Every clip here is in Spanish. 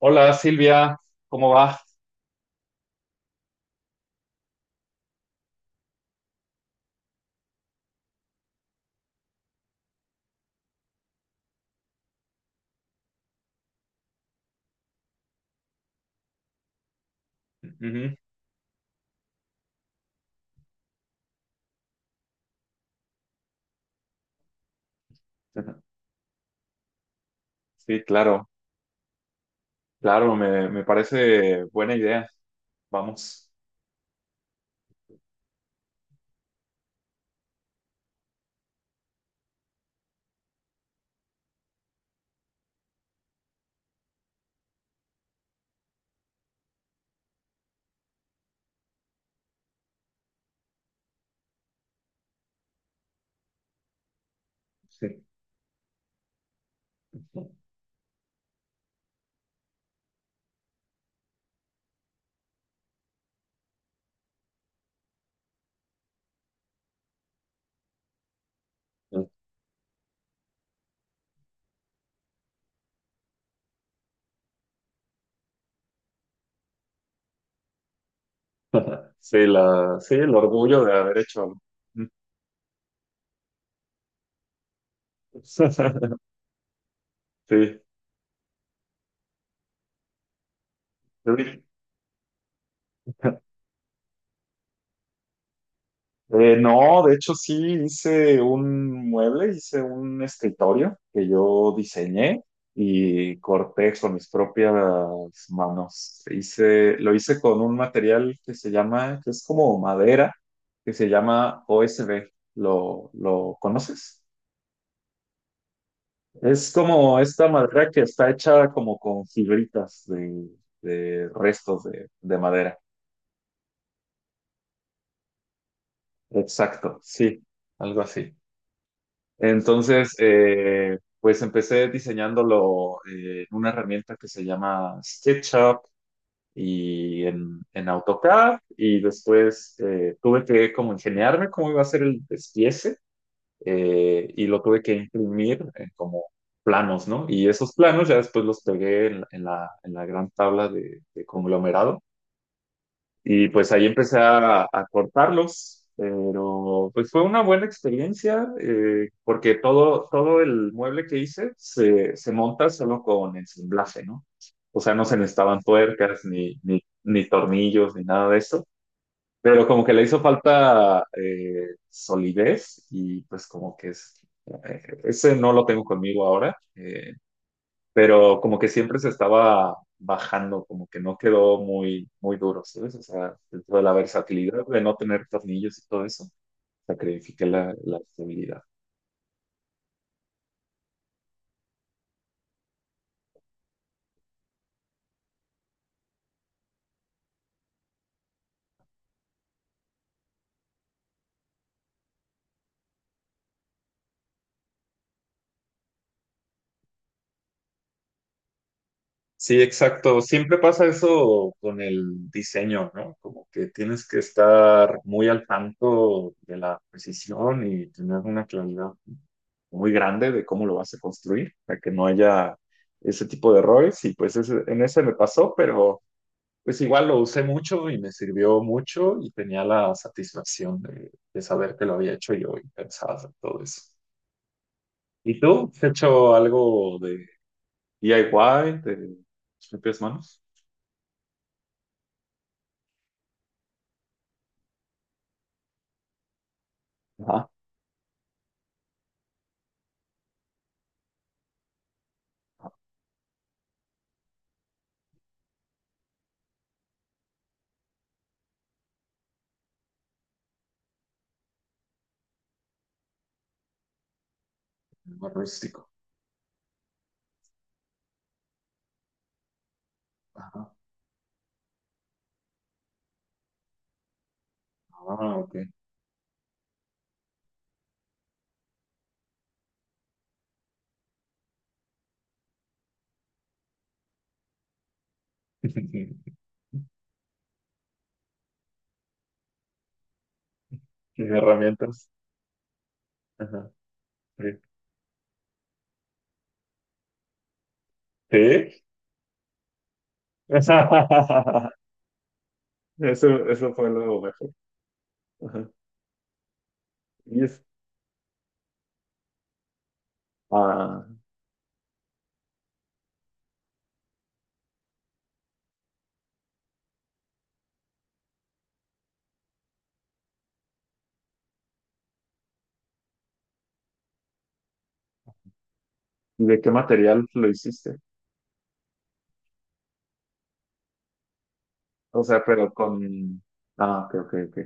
Hola Silvia, ¿cómo va? Ujú. Ajá. Sí, claro, claro, me parece buena idea. Vamos. Sí, sí, el orgullo de haber hecho algo. Sí, sí. No, de hecho sí hice un mueble, hice un escritorio que yo diseñé y corté con mis propias manos. Hice, lo hice con un material que se llama, que es como madera, que se llama OSB. ¿Lo conoces? Es como esta madera que está hecha como con fibritas de restos de madera. Exacto, sí, algo así. Entonces, pues empecé diseñándolo en una herramienta que se llama SketchUp y en AutoCAD y después tuve que como ingeniarme cómo iba a ser el despiece, y lo tuve que imprimir en como planos, ¿no? Y esos planos ya después los pegué en la gran tabla de conglomerado y pues ahí empecé a cortarlos, pero pues fue una buena experiencia, porque todo, todo el mueble que hice se monta solo con ensamblaje, ¿no? O sea, no se necesitaban tuercas ni tornillos ni nada de eso, pero como que le hizo falta solidez y pues como que es, ese no lo tengo conmigo ahora. Pero como que siempre se estaba bajando, como que no quedó muy, muy duro, ¿sabes? O sea, dentro de la versatilidad de no tener tornillos y todo eso, sacrifiqué la estabilidad. Sí, exacto. Siempre pasa eso con el diseño, ¿no? Como que tienes que estar muy al tanto de la precisión y tener una claridad muy grande de cómo lo vas a construir, para que no haya ese tipo de errores. Y pues en ese me pasó. Pero pues igual lo usé mucho y me sirvió mucho y tenía la satisfacción de saber que lo había hecho yo y pensar en todo eso. ¿Y tú? ¿Has hecho algo de DIY, de tus propias manos? Ajá. Más rústico. Ajá. Ah, ok. Sin herramientas. Ajá. Sí. Sí. Eso fue lo mejor. Ajá. Y es, ah, ¿y de qué material lo hiciste? O sea, pero con... Ah, ok, ok,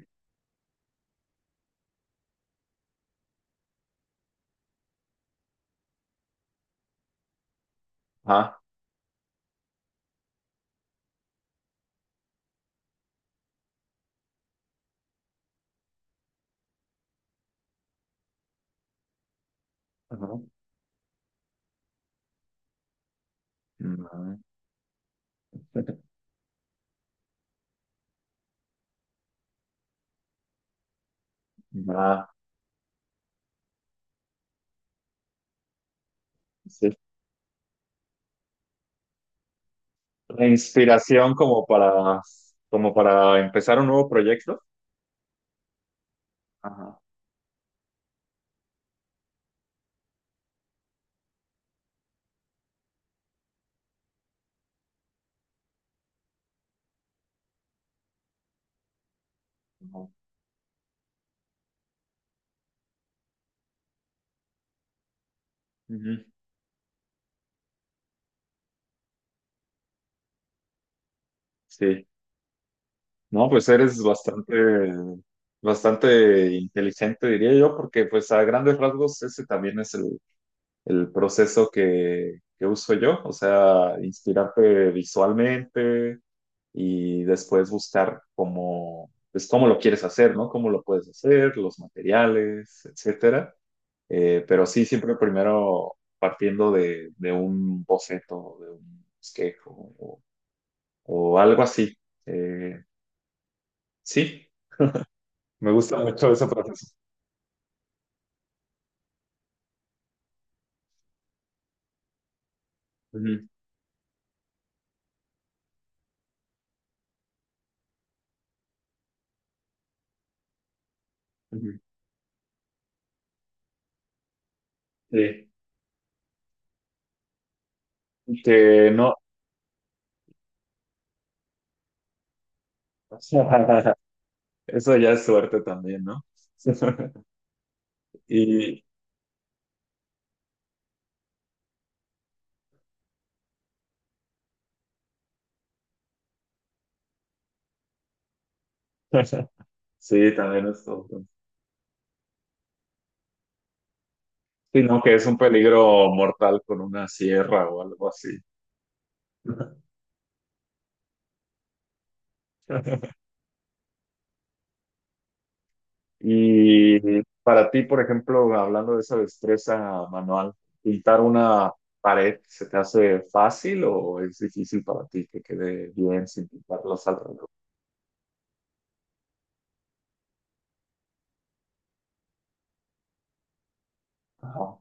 ok. Ajá. Ma- ma- sí. La inspiración como para, como para empezar un nuevo proyecto. Ajá. Ajá. Ujú. Sí. No, pues eres bastante, bastante inteligente, diría yo, porque pues a grandes rasgos ese también es el proceso que uso yo. O sea, inspirarte visualmente, y después buscar cómo, pues, cómo lo quieres hacer, ¿no? Cómo lo puedes hacer, los materiales, etcétera. Pero sí, siempre primero partiendo de un boceto, de un esquejo o, o algo así. Eh, sí, me gusta mucho ese proceso. Ujú, ujú. Sí, que no, eso ya es suerte también, ¿no? Y sí, también es todo. Sino que es un peligro mortal con una sierra o algo así. Y para ti, por ejemplo, hablando de esa destreza manual, pintar una pared, ¿se te hace fácil o es difícil para ti que quede bien sin pintar los alrededores? Ajá.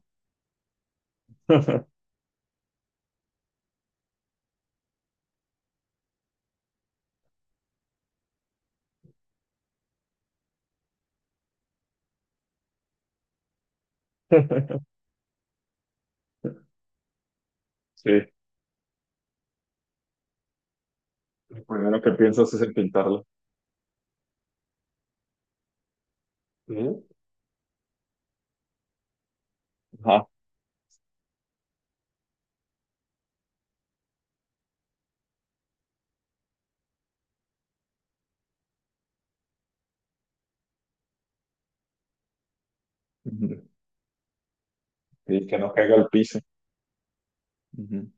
Sí, lo primero que piensas es en pintarla. Sí. Ajá. Ujú. Y que no caiga al piso. Ujú.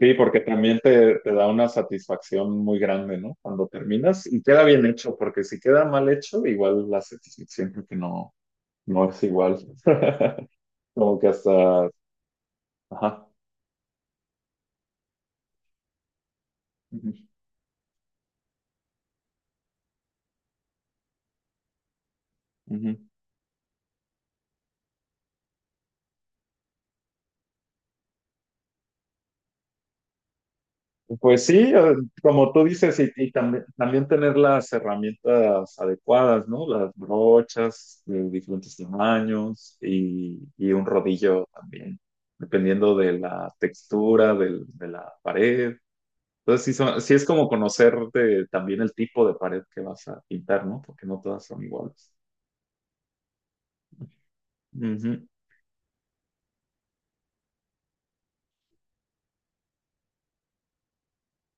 Sí, porque también te da una satisfacción muy grande, ¿no? Cuando terminas y queda bien hecho, porque si queda mal hecho, igual la satisfacción creo que no, no es igual. Como que hasta... Ajá. Ujú, ujú. Pues sí, como tú dices, y también, también tener las herramientas adecuadas, ¿no? Las brochas de diferentes tamaños y un rodillo también, dependiendo de la textura de la pared. Entonces, sí, sí es como conocer también el tipo de pared que vas a pintar, ¿no? Porque no todas son iguales. Ujú.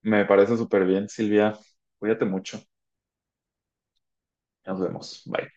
Me parece súper bien, Silvia. Cuídate mucho. Nos vemos. Bye.